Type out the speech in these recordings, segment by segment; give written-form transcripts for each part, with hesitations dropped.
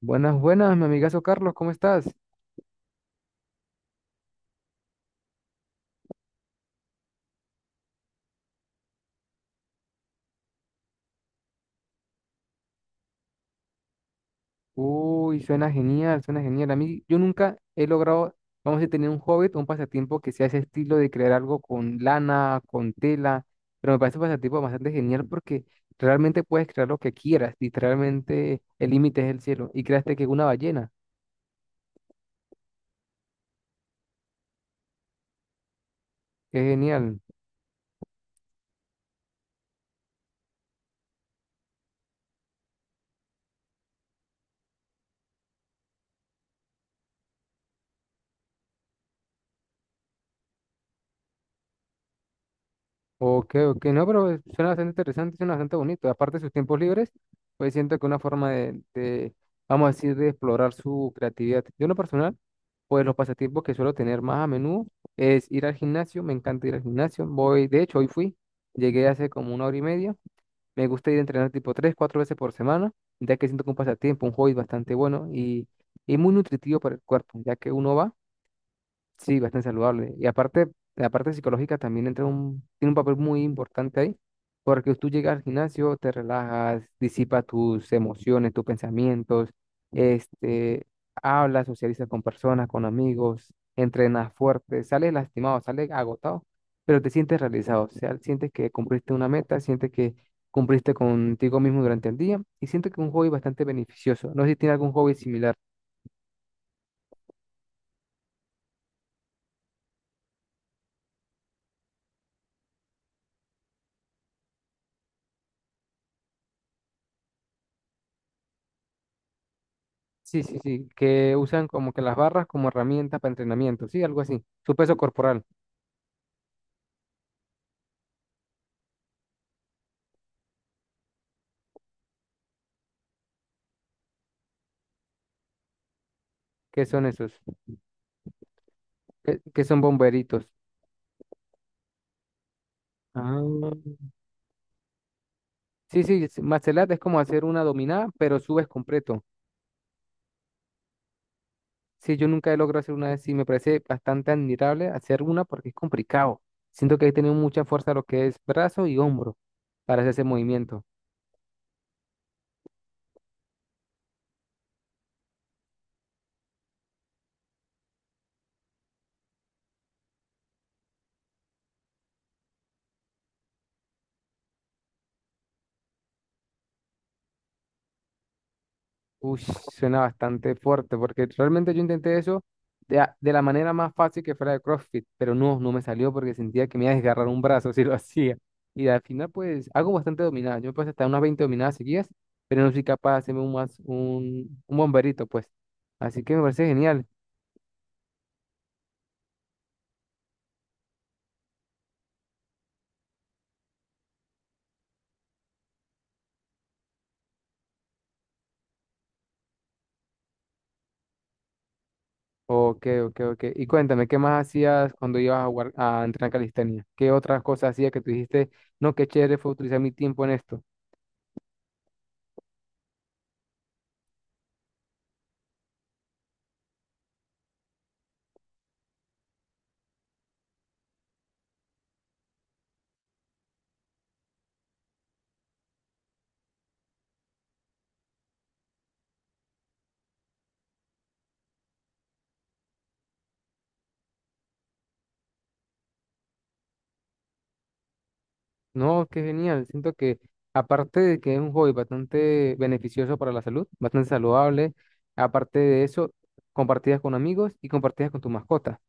Buenas, buenas, mi amigazo Carlos, ¿cómo estás? Uy, suena genial, suena genial. A mí, yo nunca he logrado, vamos a decir, tener un hobby o un pasatiempo que sea ese estilo de crear algo con lana, con tela, pero me parece un pasatiempo bastante genial porque realmente puedes crear lo que quieras, literalmente el límite es el cielo. Y creaste que una ballena, qué genial. Ok, ok, no, pero suena bastante interesante, suena bastante bonito. Aparte de sus tiempos libres, pues siento que una forma vamos a decir, de explorar su creatividad. Yo en lo personal, pues los pasatiempos que suelo tener más a menudo es ir al gimnasio, me encanta ir al gimnasio. Voy, de hecho, hoy fui, llegué hace como una hora y media. Me gusta ir a entrenar tipo tres, cuatro veces por semana, ya que siento que un pasatiempo, un hobby bastante bueno y muy nutritivo para el cuerpo, ya que uno va. Sí, bastante saludable. Y aparte, la parte psicológica también entra un, tiene un papel muy importante ahí, porque tú llegas al gimnasio, te relajas, disipas tus emociones, tus pensamientos, este, hablas, socializas con personas, con amigos, entrenas fuerte, sales lastimado, sales agotado, pero te sientes realizado, o sea, sientes que cumpliste una meta, sientes que cumpliste contigo mismo durante el día y siento que es un hobby bastante beneficioso. No sé si tiene algún hobby similar. Sí, sí, sí, que usan como que las barras como herramienta para entrenamiento, sí, algo así. Su peso corporal, ¿qué son esos? ¿Qué, qué son bomberitos? Ah. Sí, sí, es- martial art es como hacer una dominada, pero subes completo. Sí, yo nunca he logrado hacer una de sí, me parece bastante admirable hacer una porque es complicado. Siento que he tenido mucha fuerza lo que es brazo y hombro para hacer ese movimiento. Uy, suena bastante fuerte, porque realmente yo intenté eso de, a- de la manera más fácil que fuera de CrossFit, pero no, no me salió porque sentía que me iba a desgarrar un brazo si lo hacía. Y al final, pues, hago bastante dominadas. Yo me pasé hasta unas 20 dominadas seguidas, pero no soy capaz de hacerme un bomberito, pues. Así que me parece genial. Ok, ok, ok. Y cuéntame, ¿qué más hacías cuando ibas a, guar- a entrenar calistenia? ¿Qué otras cosas hacías que tú dijiste, no, qué chévere fue utilizar mi tiempo en esto? No, qué genial. Siento que aparte de que es un hobby bastante beneficioso para la salud, bastante saludable, aparte de eso, compartidas con amigos y compartidas con tu mascota.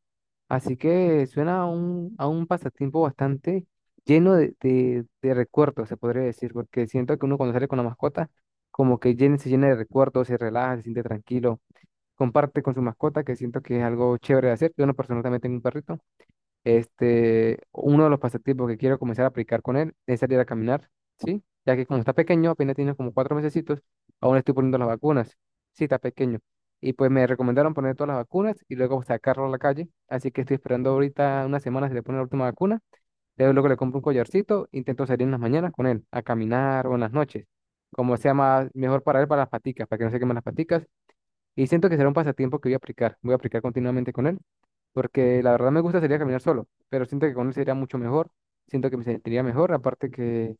Así que suena a un pasatiempo bastante lleno de recuerdos, se podría decir, porque siento que uno cuando sale con la mascota, como que llena, se llena de recuerdos, se relaja, se siente tranquilo, comparte con su mascota, que siento que es algo chévere de hacer. Yo en lo personal también tengo un perrito. Uno de los pasatiempos que quiero comenzar a aplicar con él es salir a caminar, ¿sí? Ya que como está pequeño, apenas tiene como 4 mesecitos, aún le estoy poniendo las vacunas. Sí, está pequeño. Y pues me recomendaron poner todas las vacunas y luego sacarlo a la calle. Así que estoy esperando ahorita unas semanas si le pone la última vacuna. Luego, luego le compro un collarcito, intento salir en las mañanas con él, a caminar o en las noches, como sea más mejor para él, para las paticas, para que no se quemen las paticas y siento que será un pasatiempo que voy a aplicar continuamente con él, porque la verdad me gusta sería caminar solo, pero siento que con él sería mucho mejor, siento que me sentiría mejor, aparte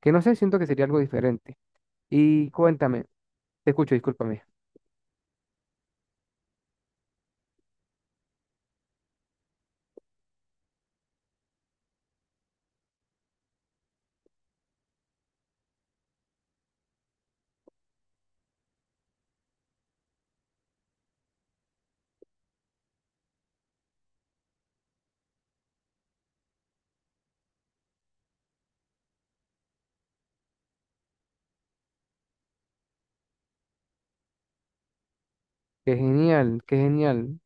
que no sé, siento que sería algo diferente. Y cuéntame, te escucho, discúlpame. Qué genial, qué genial.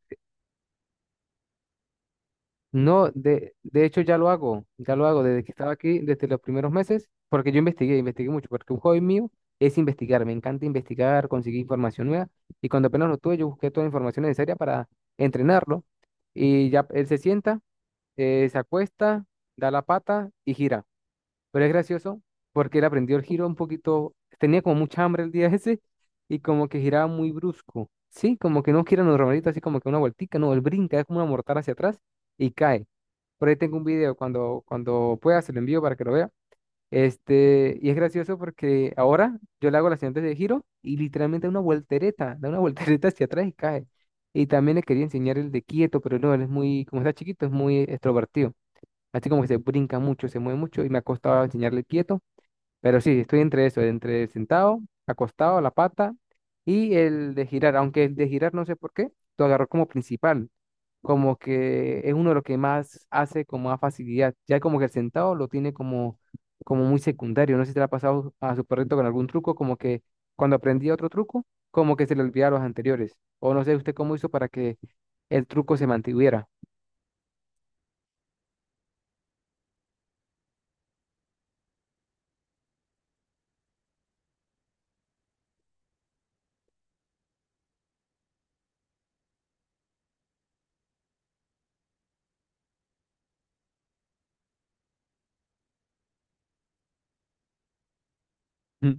No, de hecho ya lo hago desde que estaba aquí, desde los primeros meses, porque yo investigué, investigué mucho, porque un hobby mío es investigar, me encanta investigar, conseguir información nueva, y cuando apenas lo tuve, yo busqué toda la información necesaria para entrenarlo, y ya él se sienta, se acuesta, da la pata y gira. Pero es gracioso porque él aprendió el giro un poquito, tenía como mucha hambre el día ese y como que giraba muy brusco. Sí, como que no gira normalito, así como que una vueltica, no, él brinca, es como una mortal hacia atrás y cae. Por ahí tengo un video, cuando, cuando pueda se lo envío para que lo vea. Y es gracioso porque ahora yo le hago las siguientes de giro y literalmente da una voltereta, da una voltereta hacia atrás y cae. Y también le quería enseñar el de quieto, pero no, él es muy, como está chiquito, es muy extrovertido. Así como que se brinca mucho, se mueve mucho y me ha costado enseñarle quieto. Pero sí, estoy entre eso, entre sentado, acostado, la pata y el de girar. Aunque el de girar no sé por qué, lo agarró como principal. Como que es uno de los que más hace con más facilidad. Ya como que el sentado lo tiene como, como muy secundario. No sé si te lo ha pasado a su perrito con algún truco, como que cuando aprendí otro truco, como que se le olvidaba los anteriores. O no sé usted cómo hizo para que el truco se mantuviera. Mm.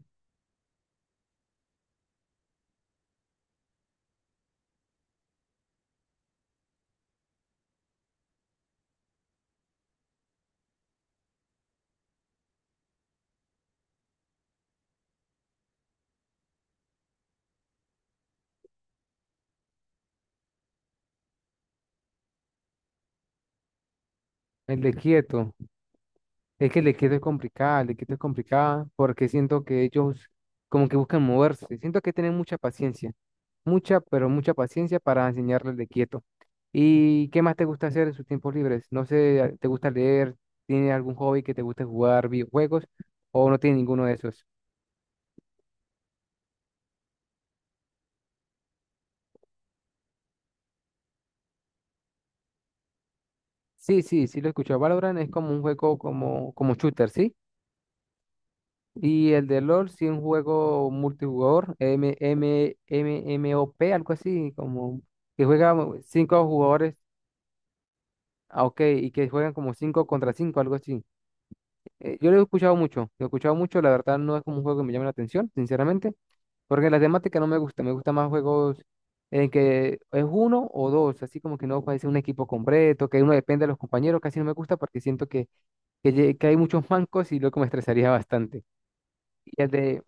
El de quieto. Es que el equipo es complicado, el equipo es complicado porque siento que ellos como que buscan moverse. Siento que tienen mucha paciencia, mucha, pero mucha paciencia para enseñarles de quieto. ¿Y qué más te gusta hacer en sus tiempos libres? No sé, ¿te gusta leer? ¿Tiene algún hobby que te guste jugar videojuegos o no tiene ninguno de esos? Sí, sí, sí lo he escuchado, Valorant es como un juego como, como shooter, ¿sí? Y el de LOL sí es un juego multijugador, MOP, algo así, como que juega 5 jugadores. Ah, ok, y que juegan como 5 contra 5, algo así. Yo lo he escuchado mucho, lo he escuchado mucho, la verdad no es como un juego que me llame la atención, sinceramente, porque la temática no me gusta, me gusta más juegos en que es uno o dos, así como que no parece un equipo completo, que uno depende de los compañeros, casi no me gusta porque siento que, que hay muchos mancos y luego me estresaría bastante. Y el de,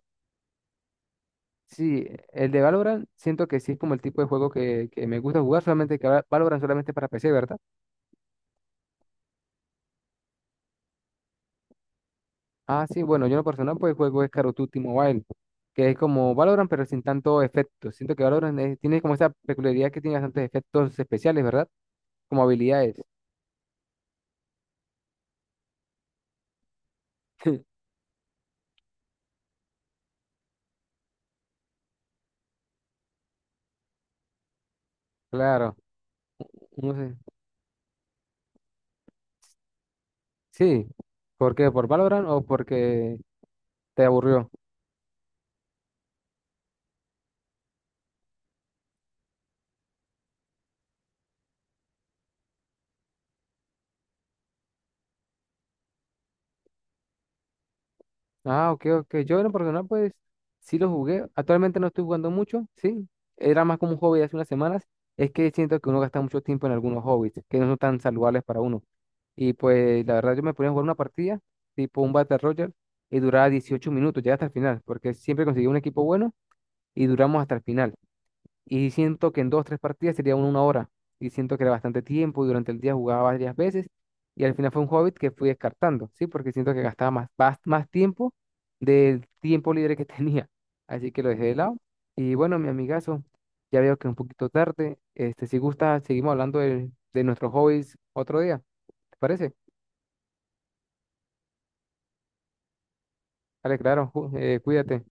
sí, el de Valorant, siento que sí es como el tipo de juego que me gusta jugar, solamente que ahora Valorant solamente para PC, ¿verdad? Ah, sí, bueno, yo en lo personal pues juego es Call of Duty Mobile, que es como Valorant pero sin tanto efecto. Siento que Valorant es- tiene como esa peculiaridad que tiene bastantes efectos especiales, ¿verdad? Como habilidades. Claro, no sé. Sí, ¿por qué? ¿Por Valorant o porque te aburrió? Ah, ok, ok. Yo en lo personal, pues, sí lo jugué. Actualmente no estoy jugando mucho, sí. Era más como un hobby hace unas semanas. Es que siento que uno gasta mucho tiempo en algunos hobbies que no son tan saludables para uno. Y pues, la verdad, yo me ponía a jugar una partida, tipo un Battle Royale, y duraba 18 minutos, ya hasta el final, porque siempre conseguía un equipo bueno y duramos hasta el final. Y siento que en dos, tres partidas sería una hora. Y siento que era bastante tiempo y durante el día jugaba varias veces. Y al final fue un hobbit que fui descartando, ¿sí? Porque siento que gastaba más, más, más tiempo del tiempo libre que tenía. Así que lo dejé de lado. Y bueno, mi amigazo, ya veo que es un poquito tarde. Si gusta, seguimos hablando de nuestros hobbies otro día. ¿Te parece? Vale, claro, ju- cuídate.